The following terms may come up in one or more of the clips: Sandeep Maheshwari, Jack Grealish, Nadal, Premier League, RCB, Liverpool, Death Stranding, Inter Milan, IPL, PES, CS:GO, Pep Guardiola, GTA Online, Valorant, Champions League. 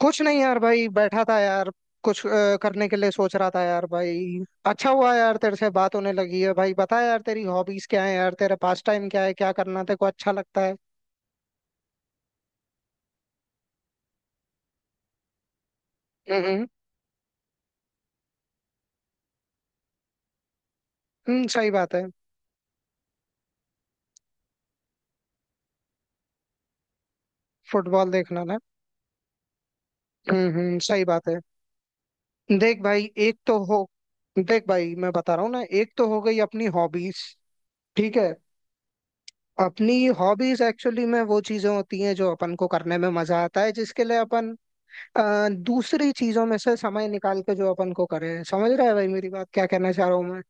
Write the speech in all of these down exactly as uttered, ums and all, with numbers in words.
कुछ नहीं यार भाई बैठा था यार। कुछ अ, करने के लिए सोच रहा था यार भाई। अच्छा हुआ यार तेरे से बात होने लगी है भाई। बता यार, तेरी हॉबीज क्या है यार, तेरा पास टाइम क्या है, क्या करना तेरे को अच्छा लगता है? हम्म हम्म, सही बात है। फुटबॉल देखना ना। हम्म हम्म, सही बात है। देख भाई एक तो हो देख भाई, मैं बता रहा हूँ ना, एक तो हो गई अपनी हॉबीज। ठीक है। अपनी हॉबीज एक्चुअली में वो चीजें होती हैं जो अपन को करने में मजा आता है, जिसके लिए अपन अ, दूसरी चीजों में से समय निकाल के जो अपन को करें। समझ रहा है भाई मेरी बात, क्या कहना चाह रहा हूँ मैं?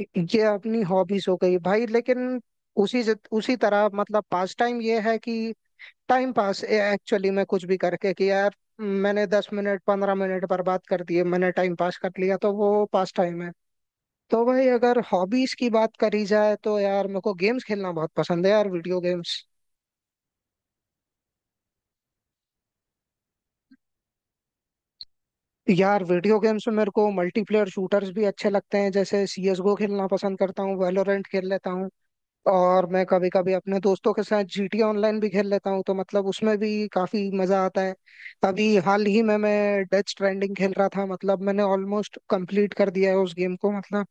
ये अपनी हॉबीज हो गई भाई, लेकिन उसी जित- उसी तरह मतलब पास टाइम ये है कि टाइम पास एक्चुअली मैं कुछ भी करके कि यार मैंने दस मिनट पंद्रह मिनट बर्बाद कर दिए, मैंने टाइम पास कर लिया, तो वो पास टाइम है। तो भाई अगर हॉबीज की बात करी जाए तो यार मेरे को गेम्स खेलना बहुत पसंद है यार, वीडियो गेम्स। यार वीडियो गेम्स में मेरे को मल्टीप्लेयर शूटर्स भी अच्छे लगते हैं, जैसे सीएसगो खेलना पसंद करता हूँ, वैलोरेंट खेल लेता हूँ, और मैं कभी कभी अपने दोस्तों के साथ जीटी ऑनलाइन भी खेल लेता हूँ, तो मतलब उसमें भी काफी मजा आता है। अभी हाल ही में मैं डेथ स्ट्रैंडिंग खेल रहा था, मतलब मैंने ऑलमोस्ट कंप्लीट कर दिया है उस गेम को। मतलब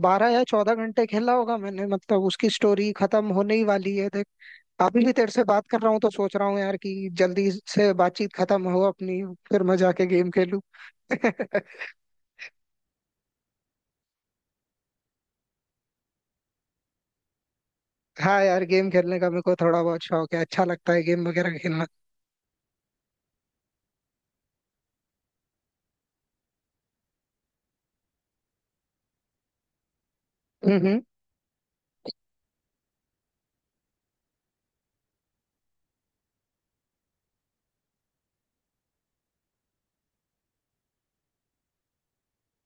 बारह या चौदह घंटे खेला होगा मैंने, मतलब उसकी स्टोरी खत्म होने ही वाली है। देख अभी भी तेरे से बात कर रहा हूँ तो सोच रहा हूँ यार कि जल्दी से बातचीत खत्म हो अपनी, फिर मैं जाके गेम खेलूं। हाँ यार, गेम खेलने का मेरे को थोड़ा बहुत शौक है, अच्छा लगता है गेम वगैरह खेलना। हम्म हम्म।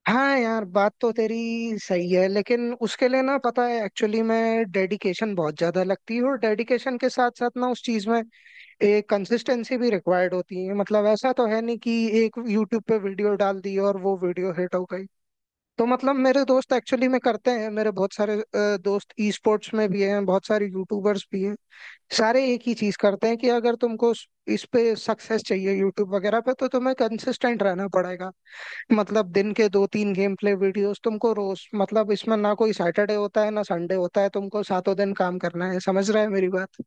हाँ यार, बात तो तेरी सही है, लेकिन उसके लिए ना पता है एक्चुअली मैं डेडिकेशन बहुत ज्यादा लगती है, और डेडिकेशन के साथ साथ ना उस चीज में एक कंसिस्टेंसी भी रिक्वायर्ड होती है। मतलब ऐसा तो है नहीं कि एक यूट्यूब पे वीडियो डाल दी और वो वीडियो हिट हो गई। तो मतलब मेरे दोस्त एक्चुअली में करते हैं, मेरे बहुत सारे अ, दोस्त ई स्पोर्ट्स में भी हैं, बहुत सारे यूट्यूबर्स भी हैं। सारे एक ही चीज करते हैं कि अगर तुमको स- इस पे सक्सेस चाहिए यूट्यूब वगैरह पे तो तुम्हें कंसिस्टेंट रहना पड़ेगा। मतलब दिन के दो तीन गेम प्ले वीडियोस तुमको रोज, मतलब इसमें ना कोई सैटरडे होता है ना संडे होता है, तुमको सातों दिन काम करना है। समझ रहा है मेरी बात?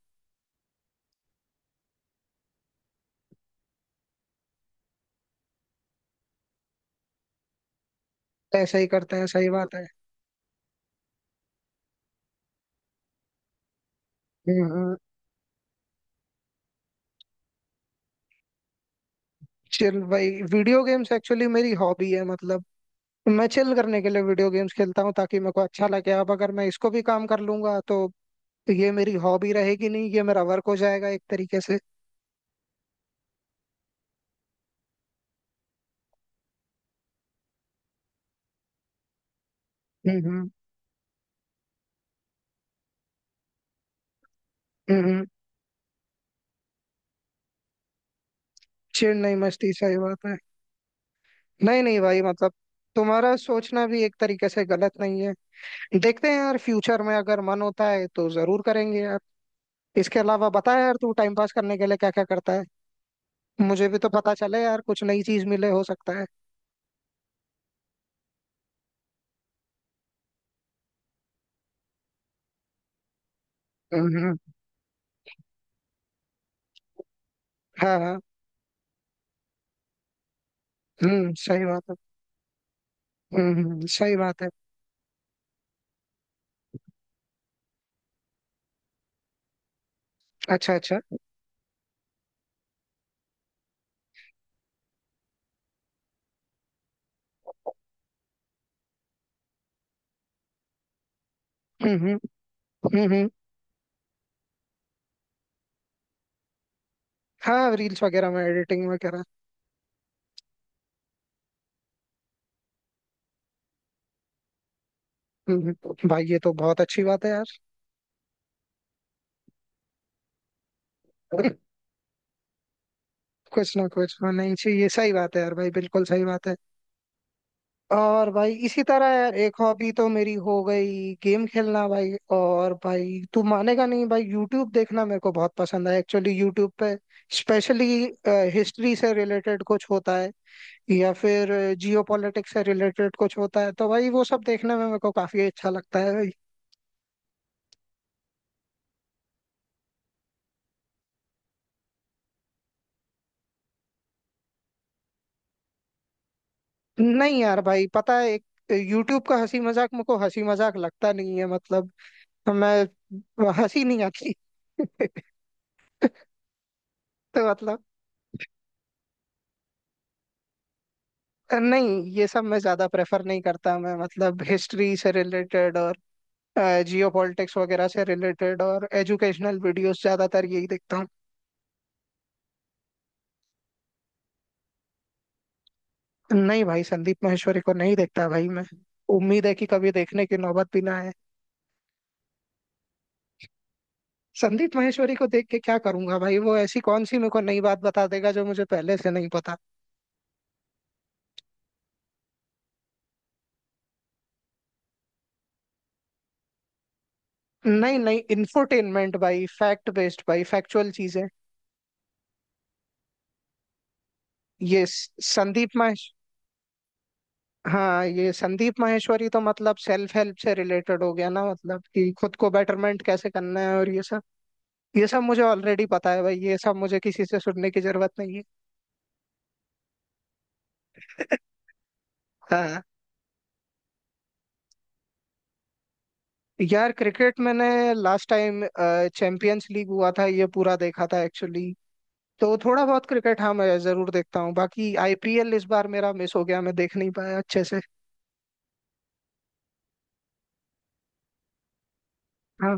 ऐसा ही करते हैं, सही बात है। हम्म। चिल भाई, वीडियो गेम्स एक्चुअली मेरी हॉबी है, मतलब मैं चिल करने के लिए वीडियो गेम्स खेलता हूँ ताकि मेरे को अच्छा लगे। अब अगर मैं इसको भी काम कर लूंगा तो ये मेरी हॉबी रहेगी नहीं, ये मेरा वर्क हो जाएगा एक तरीके से। हम्म हम्म हम्म। चिढ़ नहीं मस्ती, सही बात है। नहीं नहीं भाई मतलब, तुम्हारा सोचना भी एक तरीके से गलत नहीं है। देखते हैं यार, फ्यूचर में अगर मन होता है तो जरूर करेंगे यार। इसके अलावा बता यार, तू टाइम पास करने के लिए क्या क्या करता है, मुझे भी तो पता चले यार, कुछ नई चीज मिले हो सकता है। हम्म हम्म, हाँ हाँ। हम्म, सही बात है। हम्म हम्म, सही बात है। अच्छा अच्छा। हम्म हम्म। हम्म हम्म, हाँ रील्स वगैरह में एडिटिंग वगैरह। हम्म हम्म, भाई ये तो बहुत अच्छी बात है यार। कुछ ना कुछ होना ही चाहिए, सही बात है यार भाई, बिल्कुल सही बात है। और भाई इसी तरह यार, एक हॉबी तो मेरी हो गई गेम खेलना भाई। और भाई तू मानेगा नहीं भाई, यूट्यूब देखना मेरे को बहुत पसंद है एक्चुअली। यूट्यूब पे स्पेशली हिस्ट्री से रिलेटेड कुछ होता है, या फिर जियो पॉलिटिक्स से रिलेटेड कुछ होता है, तो भाई वो सब देखने में मेरे को काफी अच्छा लगता है भाई। नहीं यार भाई, पता है एक यूट्यूब का हंसी मजाक मेरे को हंसी मजाक लगता नहीं है। मतलब मैं हंसी नहीं आती। तो मतलब, नहीं ये सब मैं ज्यादा प्रेफर नहीं करता मैं। मतलब हिस्ट्री से रिलेटेड और जियो पॉलिटिक्स वगैरह से रिलेटेड और एजुकेशनल वीडियोस ज्यादातर यही देखता हूँ। नहीं भाई, संदीप माहेश्वरी को नहीं देखता भाई मैं, उम्मीद है कि कभी देखने की नौबत भी ना आए। संदीप माहेश्वरी को देख के क्या करूंगा भाई? वो ऐसी कौन सी मेरे को नई बात बता देगा जो मुझे पहले से नहीं पता। नहीं नहीं, इंफोटेनमेंट भाई, फैक्ट बेस्ड भाई, फैक्चुअल चीजें। ये संदीप माहेश्वरी। हाँ ये संदीप माहेश्वरी तो मतलब सेल्फ हेल्प से रिलेटेड हो गया ना, मतलब कि खुद को बेटरमेंट कैसे करना है और ये सब। ये सब मुझे ऑलरेडी पता है भाई, ये सब मुझे किसी से सुनने की जरूरत नहीं है। हाँ। यार क्रिकेट मैंने लास्ट टाइम चैंपियंस लीग हुआ था ये पूरा देखा था एक्चुअली। तो थोड़ा बहुत क्रिकेट हाँ मैं जरूर देखता हूँ, बाकी आईपीएल इस बार मेरा मिस हो गया, मैं देख नहीं पाया अच्छे से। हाँ।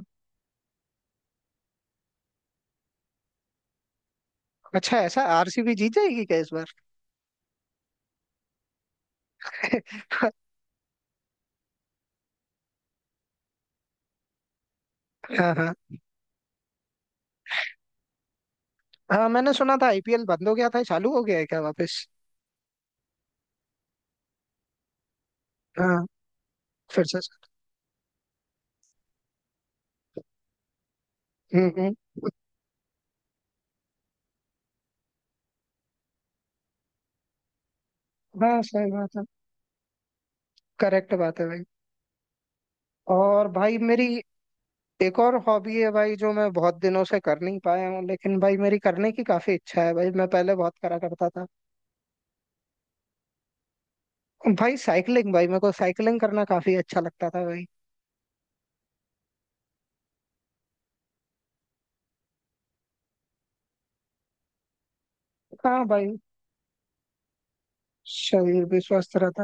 अच्छा, ऐसा आरसीबी जीत जाएगी क्या इस बार? हाँ हाँ। हाँ मैंने सुना था आईपीएल बंद हो गया था, चालू हो गया है क्या वापस? हाँ फिर से सर। हम्म हम्म। हाँ सही बात है, करेक्ट बात है भाई। और भाई मेरी एक और हॉबी है भाई, जो मैं बहुत दिनों से कर नहीं पाया हूँ, लेकिन भाई मेरी करने की काफी इच्छा है भाई, मैं पहले बहुत करा करता था। भाई साइकिलिंग भाई, मेरे को साइकिलिंग करना काफी अच्छा लगता था भाई। हाँ भाई, शरीर भी स्वस्थ रहता।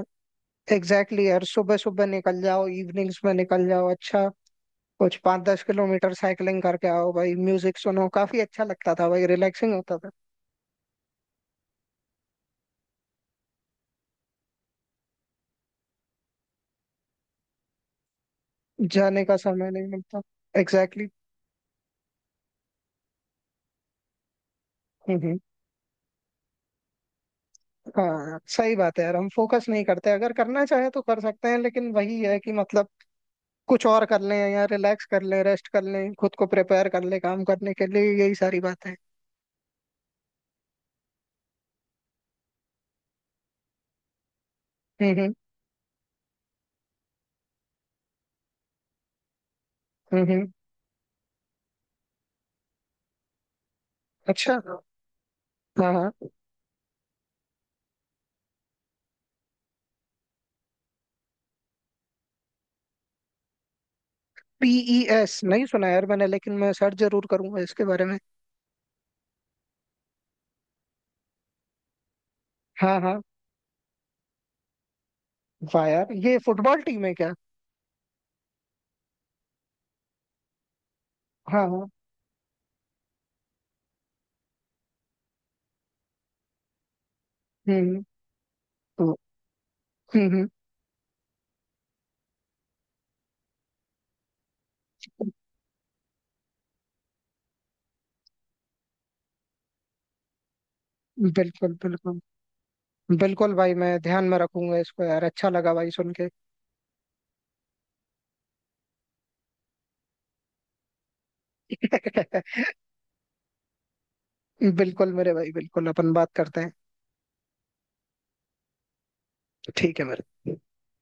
एग्जैक्टली exactly यार, सुबह सुबह निकल जाओ, इवनिंग्स में निकल जाओ, अच्छा कुछ पाँच दस किलोमीटर साइकिलिंग करके आओ भाई, म्यूजिक सुनो, काफी अच्छा लगता था भाई, रिलैक्सिंग होता था। जाने का समय नहीं मिलता। Exactly exactly। हम्म हम्म। हाँ सही बात है यार, हम फोकस नहीं करते। अगर करना चाहे तो कर सकते हैं, लेकिन वही है कि मतलब कुछ और कर लें या रिलैक्स कर लें, रेस्ट कर लें, खुद को प्रिपेयर कर लें काम करने के लिए, यही सारी बात है। हम्म हम्म। हम्म हम्म। अच्छा। हाँ हाँ। पीईएस नहीं सुना यार मैंने, लेकिन मैं सर्च जरूर करूंगा इसके बारे में। हाँ हाँ। वाह यार, ये फुटबॉल टीम है क्या? हाँ हाँ। हम्म हम्म। हम्म हम्म। बिल्कुल बिल्कुल। बिल्कुल भाई, मैं ध्यान में रखूंगा इसको यार, अच्छा लगा भाई सुन के। बिल्कुल मेरे भाई, बिल्कुल अपन बात करते हैं। ठीक है मेरे